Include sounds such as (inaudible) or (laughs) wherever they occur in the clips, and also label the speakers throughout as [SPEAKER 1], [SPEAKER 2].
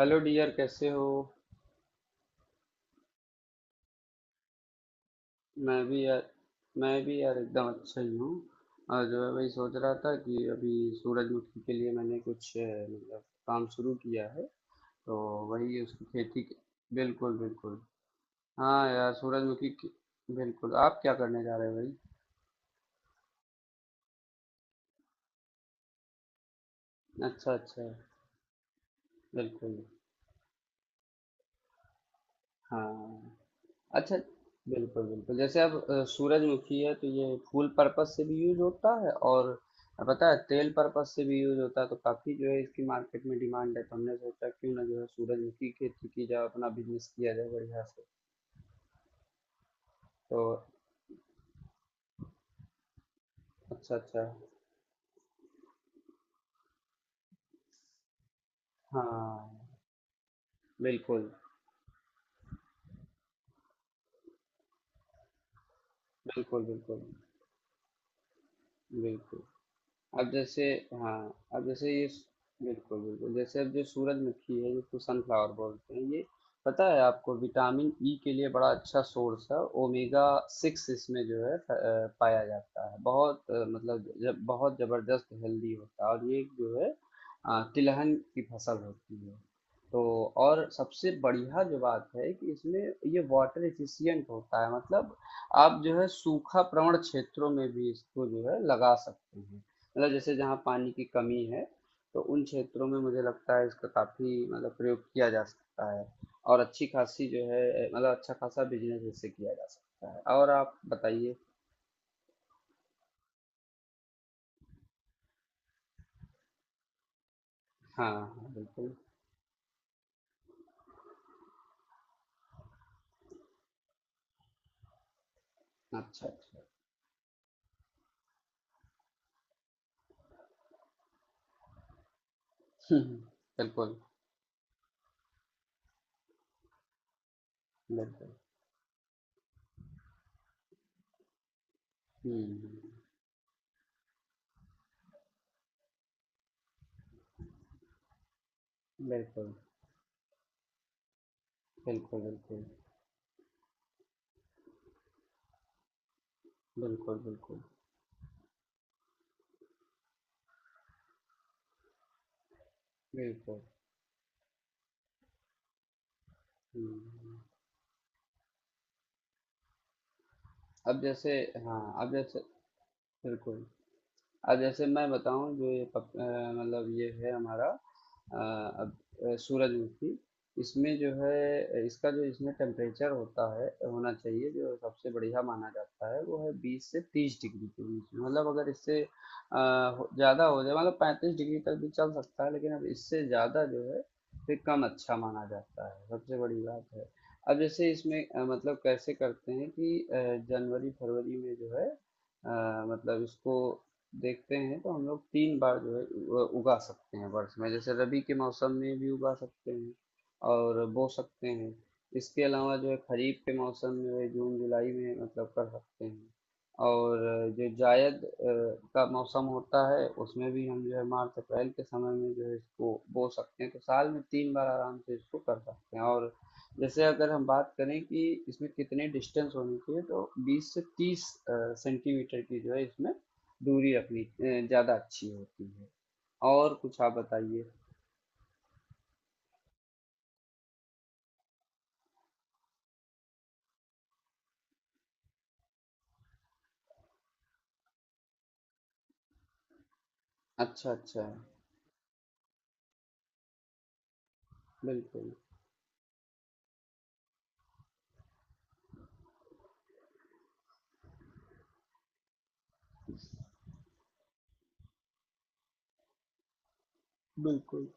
[SPEAKER 1] Hello dear, कैसे हो? मैं भी यार मैं भी यार, एकदम अच्छा ही हूँ। और जो है, वही सोच रहा था कि अभी सूरजमुखी के लिए मैंने कुछ मतलब काम शुरू किया है। तो वही उसकी बिल्कुल, बिल्कुल। हाँ यार, सूरजमुखी की। बिल्कुल, आप क्या करने जा रहे हो भाई? अच्छा, अच्छा। बिल्कुल। हाँ। अच्छा। बिल्कुल, बिल्कुल। जैसे अब सूरजमुखी है तो ये फूल पर्पस से भी यूज होता है, और पता है तेल पर्पस से भी यूज होता है। तो काफी जो है इसकी मार्केट में डिमांड है। तो हमने सोचा क्यों ना जो है सूरजमुखी की खेती की जाए, अपना बिजनेस किया जाए बढ़िया से। तो अच्छा, अच्छा। हाँ। बिल्कुल, बिल्कुल। बिल्कुल, बिल्कुल। अब जैसे, हाँ, अब जैसे ये बिल्कुल, बिल्कुल। जैसे अब जो सूरजमुखी है, जिसको सनफ्लावर बोलते हैं, ये पता है आपको विटामिन ई के लिए बड़ा अच्छा सोर्स है। ओमेगा सिक्स इसमें जो है पाया जाता है। बहुत मतलब जब बहुत जबरदस्त हेल्दी होता है। और ये जो है तिलहन की फसल होती है। तो और सबसे बढ़िया जो बात है कि इसमें ये वाटर एफिशिएंट होता है। मतलब आप जो है सूखा प्रवण क्षेत्रों में भी इसको जो है लगा सकते हैं। मतलब जैसे जहाँ पानी की कमी है, तो उन क्षेत्रों में मुझे लगता है इसका काफी मतलब प्रयोग किया जा सकता है। और अच्छी खासी जो है, मतलब अच्छा खासा बिजनेस इससे किया जा सकता है। और आप बताइए? हाँ, हाँ, बिल्कुल। अच्छा, अच्छा। (laughs) हम्म, बिल्कुल, बिल्कुल। हम्म। बिल्कुल, बिल्कुल। बिल्कुल, बिल्कुल। बिल्कुल, बिल्कुल। हम्म। अब जैसे, हाँ, अब जैसे, बिल्कुल। अब जैसे मैं बताऊं जो ये मतलब ये है हमारा अ, अब सूरजमुखी। इसमें जो है, इसका जो इसमें टेम्परेचर होता है, होना चाहिए, जो सबसे बढ़िया माना जाता है, वो है 20 से 30 डिग्री के बीच में। मतलब अगर इससे ज़्यादा हो जाए, मतलब 35 डिग्री तक भी चल सकता है, लेकिन अब इससे ज़्यादा जो है फिर कम अच्छा माना जाता है। सबसे बड़ी बात है। अब जैसे इसमें मतलब कैसे करते हैं कि जनवरी फरवरी में जो है मतलब इसको देखते हैं, तो हम लोग 3 बार जो है उगा सकते हैं वर्ष में। जैसे रबी के मौसम में भी उगा सकते हैं और बो सकते हैं। इसके अलावा जो है खरीफ के मौसम में जो है जून जुलाई में मतलब कर सकते हैं। और जो जायद का मौसम होता है, उसमें भी हम जो है मार्च अप्रैल के समय में जो है इसको बो सकते हैं। तो साल में 3 बार आराम से इसको कर सकते हैं। और जैसे अगर हम बात करें कि इसमें कितने डिस्टेंस होनी चाहिए, तो 20 से 30 सेंटीमीटर की जो है इसमें दूरी रखनी ज़्यादा अच्छी होती है। और कुछ आप बताइए? अच्छा, अच्छा। बिल्कुल, बिल्कुल,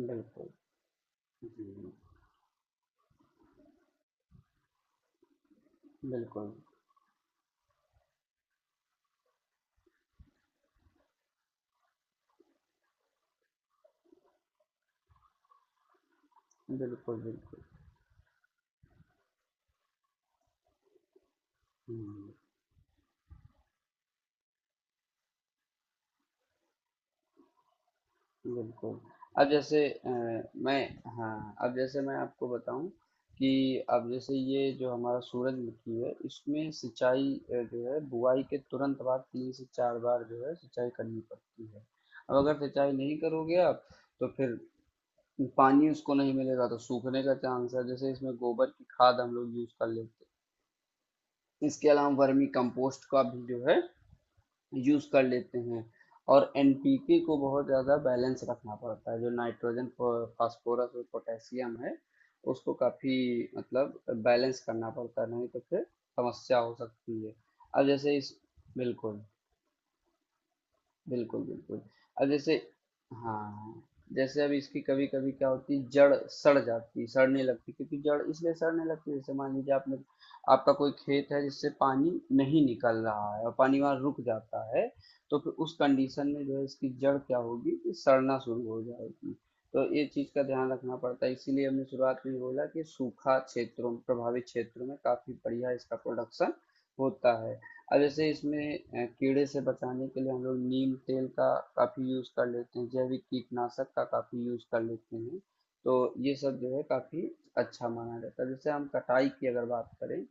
[SPEAKER 1] बिल्कुल। जी, बिल्कुल, बिल्कुल, बिल्कुल। हुँ, बिल्कुल। अब जैसे मैं, हाँ, अब जैसे मैं आपको बताऊँ कि अब जैसे ये जो हमारा सूरजमुखी है, इसमें सिंचाई जो है बुआई के तुरंत बाद 3 से 4 बार जो है सिंचाई करनी पड़ती है। अब अगर सिंचाई नहीं करोगे आप, तो फिर पानी उसको नहीं मिलेगा तो सूखने का चांस है। जैसे इसमें गोबर की खाद हम लोग यूज कर लेते हैं, इसके अलावा वर्मी कंपोस्ट का भी जो है यूज कर लेते हैं। और एनपीके को बहुत ज्यादा बैलेंस रखना पड़ता है, जो नाइट्रोजन फास्फोरस और पोटेशियम है, उसको काफी मतलब बैलेंस करना पड़ता है, नहीं तो फिर समस्या हो सकती है। अब जैसे इस बिल्कुल, बिल्कुल, बिल्कुल। अब जैसे, हाँ, जैसे अब इसकी कभी-कभी क्या होती है, जड़ सड़ जाती है, सड़ने लगती है। क्योंकि जड़ इसलिए सड़ने लगती है, जैसे मान लीजिए आपने आपका कोई खेत है जिससे पानी नहीं निकल रहा है, और पानी वहाँ रुक जाता है, तो फिर उस कंडीशन में जो है इसकी जड़ क्या होगी कि सड़ना शुरू हो जाएगी। तो ये चीज़ का ध्यान रखना पड़ता है। इसीलिए हमने शुरुआत में बोला कि सूखा क्षेत्रों प्रभावित क्षेत्रों में काफ़ी बढ़िया इसका प्रोडक्शन होता है। अब जैसे इसमें कीड़े से बचाने के लिए हम लोग नीम तेल का काफ़ी यूज़ कर लेते हैं, जैविक कीटनाशक का काफ़ी यूज़ कर लेते हैं। तो ये सब जो है काफ़ी अच्छा माना जाता है। जैसे हम कटाई की अगर बात करें,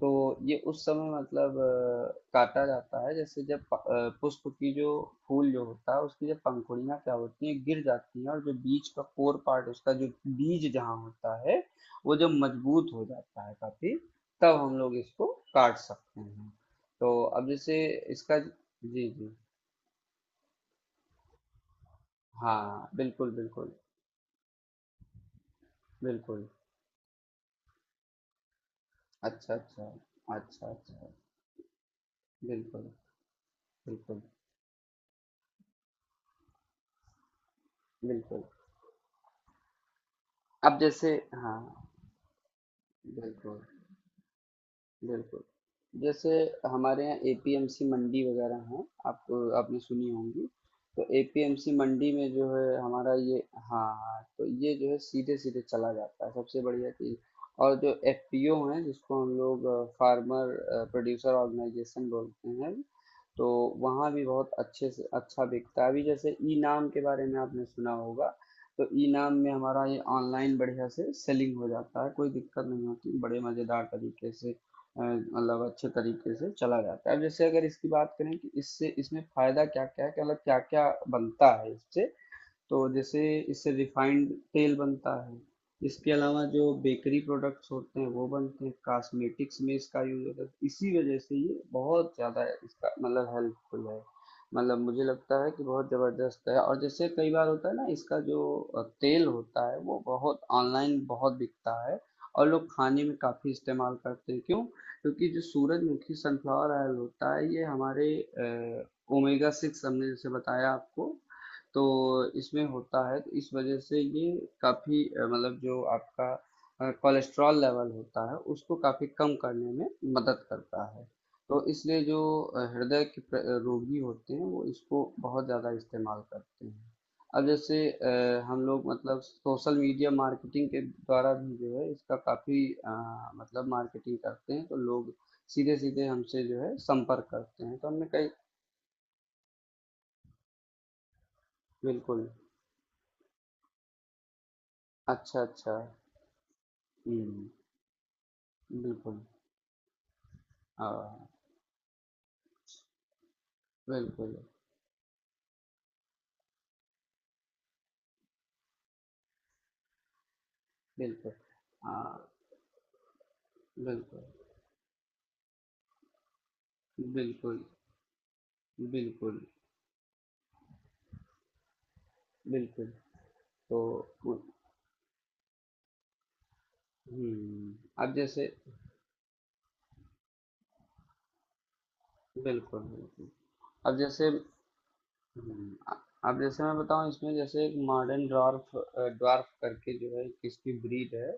[SPEAKER 1] तो ये उस समय मतलब काटा जाता है, जैसे जब पुष्प की जो फूल जो होता है, उसकी जब पंखुड़ियाँ क्या होती हैं गिर जाती हैं, और जो बीच का कोर पार्ट उसका जो बीज जहाँ होता है, वो जब मजबूत हो जाता है काफी, तब हम लोग इसको काट सकते हैं। तो अब जैसे इसका जी, जी। हाँ, बिल्कुल, बिल्कुल, बिल्कुल। अच्छा, अच्छा, अच्छा, अच्छा। बिल्कुल, बिल्कुल, बिल्कुल। अब जैसे, हाँ, बिल्कुल, बिल्कुल। जैसे हमारे यहाँ एपीएमसी मंडी वगैरह हैं, आप आपने सुनी होंगी। तो एपीएमसी मंडी में जो है हमारा ये, हाँ हाँ, तो ये जो है सीधे-सीधे चला जाता है, सबसे बढ़िया चीज़। और जो एफपीओ हैं, जिसको हम लोग फार्मर प्रोड्यूसर ऑर्गेनाइजेशन बोलते हैं, तो वहाँ भी बहुत अच्छे से अच्छा बिकता है। अभी जैसे ई नाम के बारे में आपने सुना होगा, तो ई नाम में हमारा ये ऑनलाइन बढ़िया से सेलिंग हो जाता है, कोई दिक्कत नहीं होती, बड़े मज़ेदार तरीके से मतलब अच्छे तरीके से चला जाता है। अब जैसे अगर इसकी बात करें कि इससे इसमें फायदा क्या क्या है, कि मतलब क्या क्या बनता है इससे, तो जैसे इससे रिफाइंड तेल बनता है, इसके अलावा जो बेकरी प्रोडक्ट्स होते हैं वो बनते हैं, कॉस्मेटिक्स में इसका यूज होता है। तो इसी वजह से ये बहुत ज़्यादा इसका मतलब हेल्पफुल है। मतलब मुझे लगता है कि बहुत ज़बरदस्त है। और जैसे कई बार होता है ना, इसका जो तेल होता है वो बहुत ऑनलाइन बहुत बिकता है, और लोग खाने में काफ़ी इस्तेमाल करते हैं। क्यों? क्योंकि जो सूरजमुखी सनफ्लावर ऑयल होता है, ये हमारे ओमेगा सिक्स हमने जैसे बताया आपको, तो इसमें होता है। तो इस वजह से ये काफ़ी मतलब जो आपका कोलेस्ट्रॉल लेवल होता है उसको काफ़ी कम करने में मदद करता है। तो इसलिए जो हृदय के रोगी होते हैं, वो इसको बहुत ज़्यादा इस्तेमाल करते हैं। अब जैसे हम लोग मतलब सोशल मीडिया मार्केटिंग के द्वारा भी जो है इसका काफ़ी मतलब मार्केटिंग करते हैं, तो लोग सीधे सीधे हमसे जो है संपर्क करते हैं, तो हमने कई बिल्कुल, अच्छा, अच्छा। हम्म, बिल्कुल। हाँ, बिल्कुल, बिल्कुल। हाँ, बिल्कुल, बिल्कुल, बिल्कुल, बिल्कुल। तो हुँ, अब जैसे बिल्कुल, बिल्कुल। अब जैसे हुँ, अब जैसे मैं बताऊँ इसमें जैसे एक मॉडर्न ड्वार्फ करके जो है एक इसकी ब्रीड है,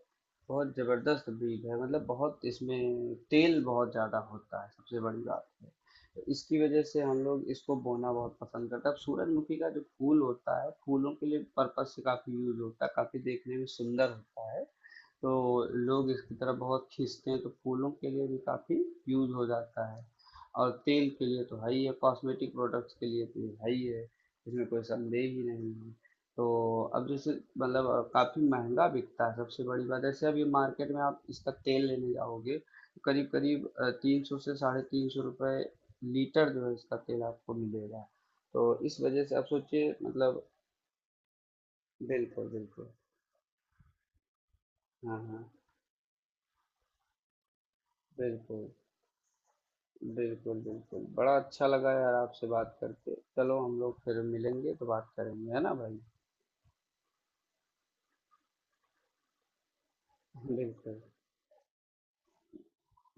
[SPEAKER 1] बहुत ज़बरदस्त ब्रीड है। मतलब बहुत इसमें तेल बहुत ज़्यादा होता है, सबसे बड़ी बात है। तो इसकी वजह से हम लोग इसको बोना बहुत पसंद करते हैं। अब सूरजमुखी का जो फूल होता है, फूलों के लिए पर्पस से काफ़ी यूज़ होता है, काफ़ी देखने में सुंदर होता है। तो लोग इसकी तरफ बहुत खींचते हैं, तो फूलों के लिए भी काफ़ी यूज़ हो जाता है, और तेल के लिए तो है ही है, कॉस्मेटिक प्रोडक्ट्स के लिए तो ये है ही है, इसमें कोई संदेह ही नहीं है। तो अब जैसे मतलब काफ़ी महंगा बिकता है, सबसे बड़ी बात ऐसे अभी मार्केट में आप इसका तेल लेने जाओगे तो करीब करीब 300 से 350 रुपये लीटर जो है इसका तेल आपको मिलेगा। तो इस वजह से आप सोचिए मतलब बिल्कुल, बिल्कुल। हाँ, हाँ, बिल्कुल। बिल्कुल, बिल्कुल। बड़ा अच्छा लगा यार आपसे बात करके। चलो हम लोग फिर मिलेंगे तो बात करेंगे, है ना भाई? (laughs) बिल्कुल।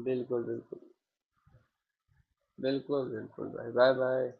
[SPEAKER 1] बिल्कुल, बिल्कुल। बिल्कुल, बिल्कुल भाई। बाय-बाय।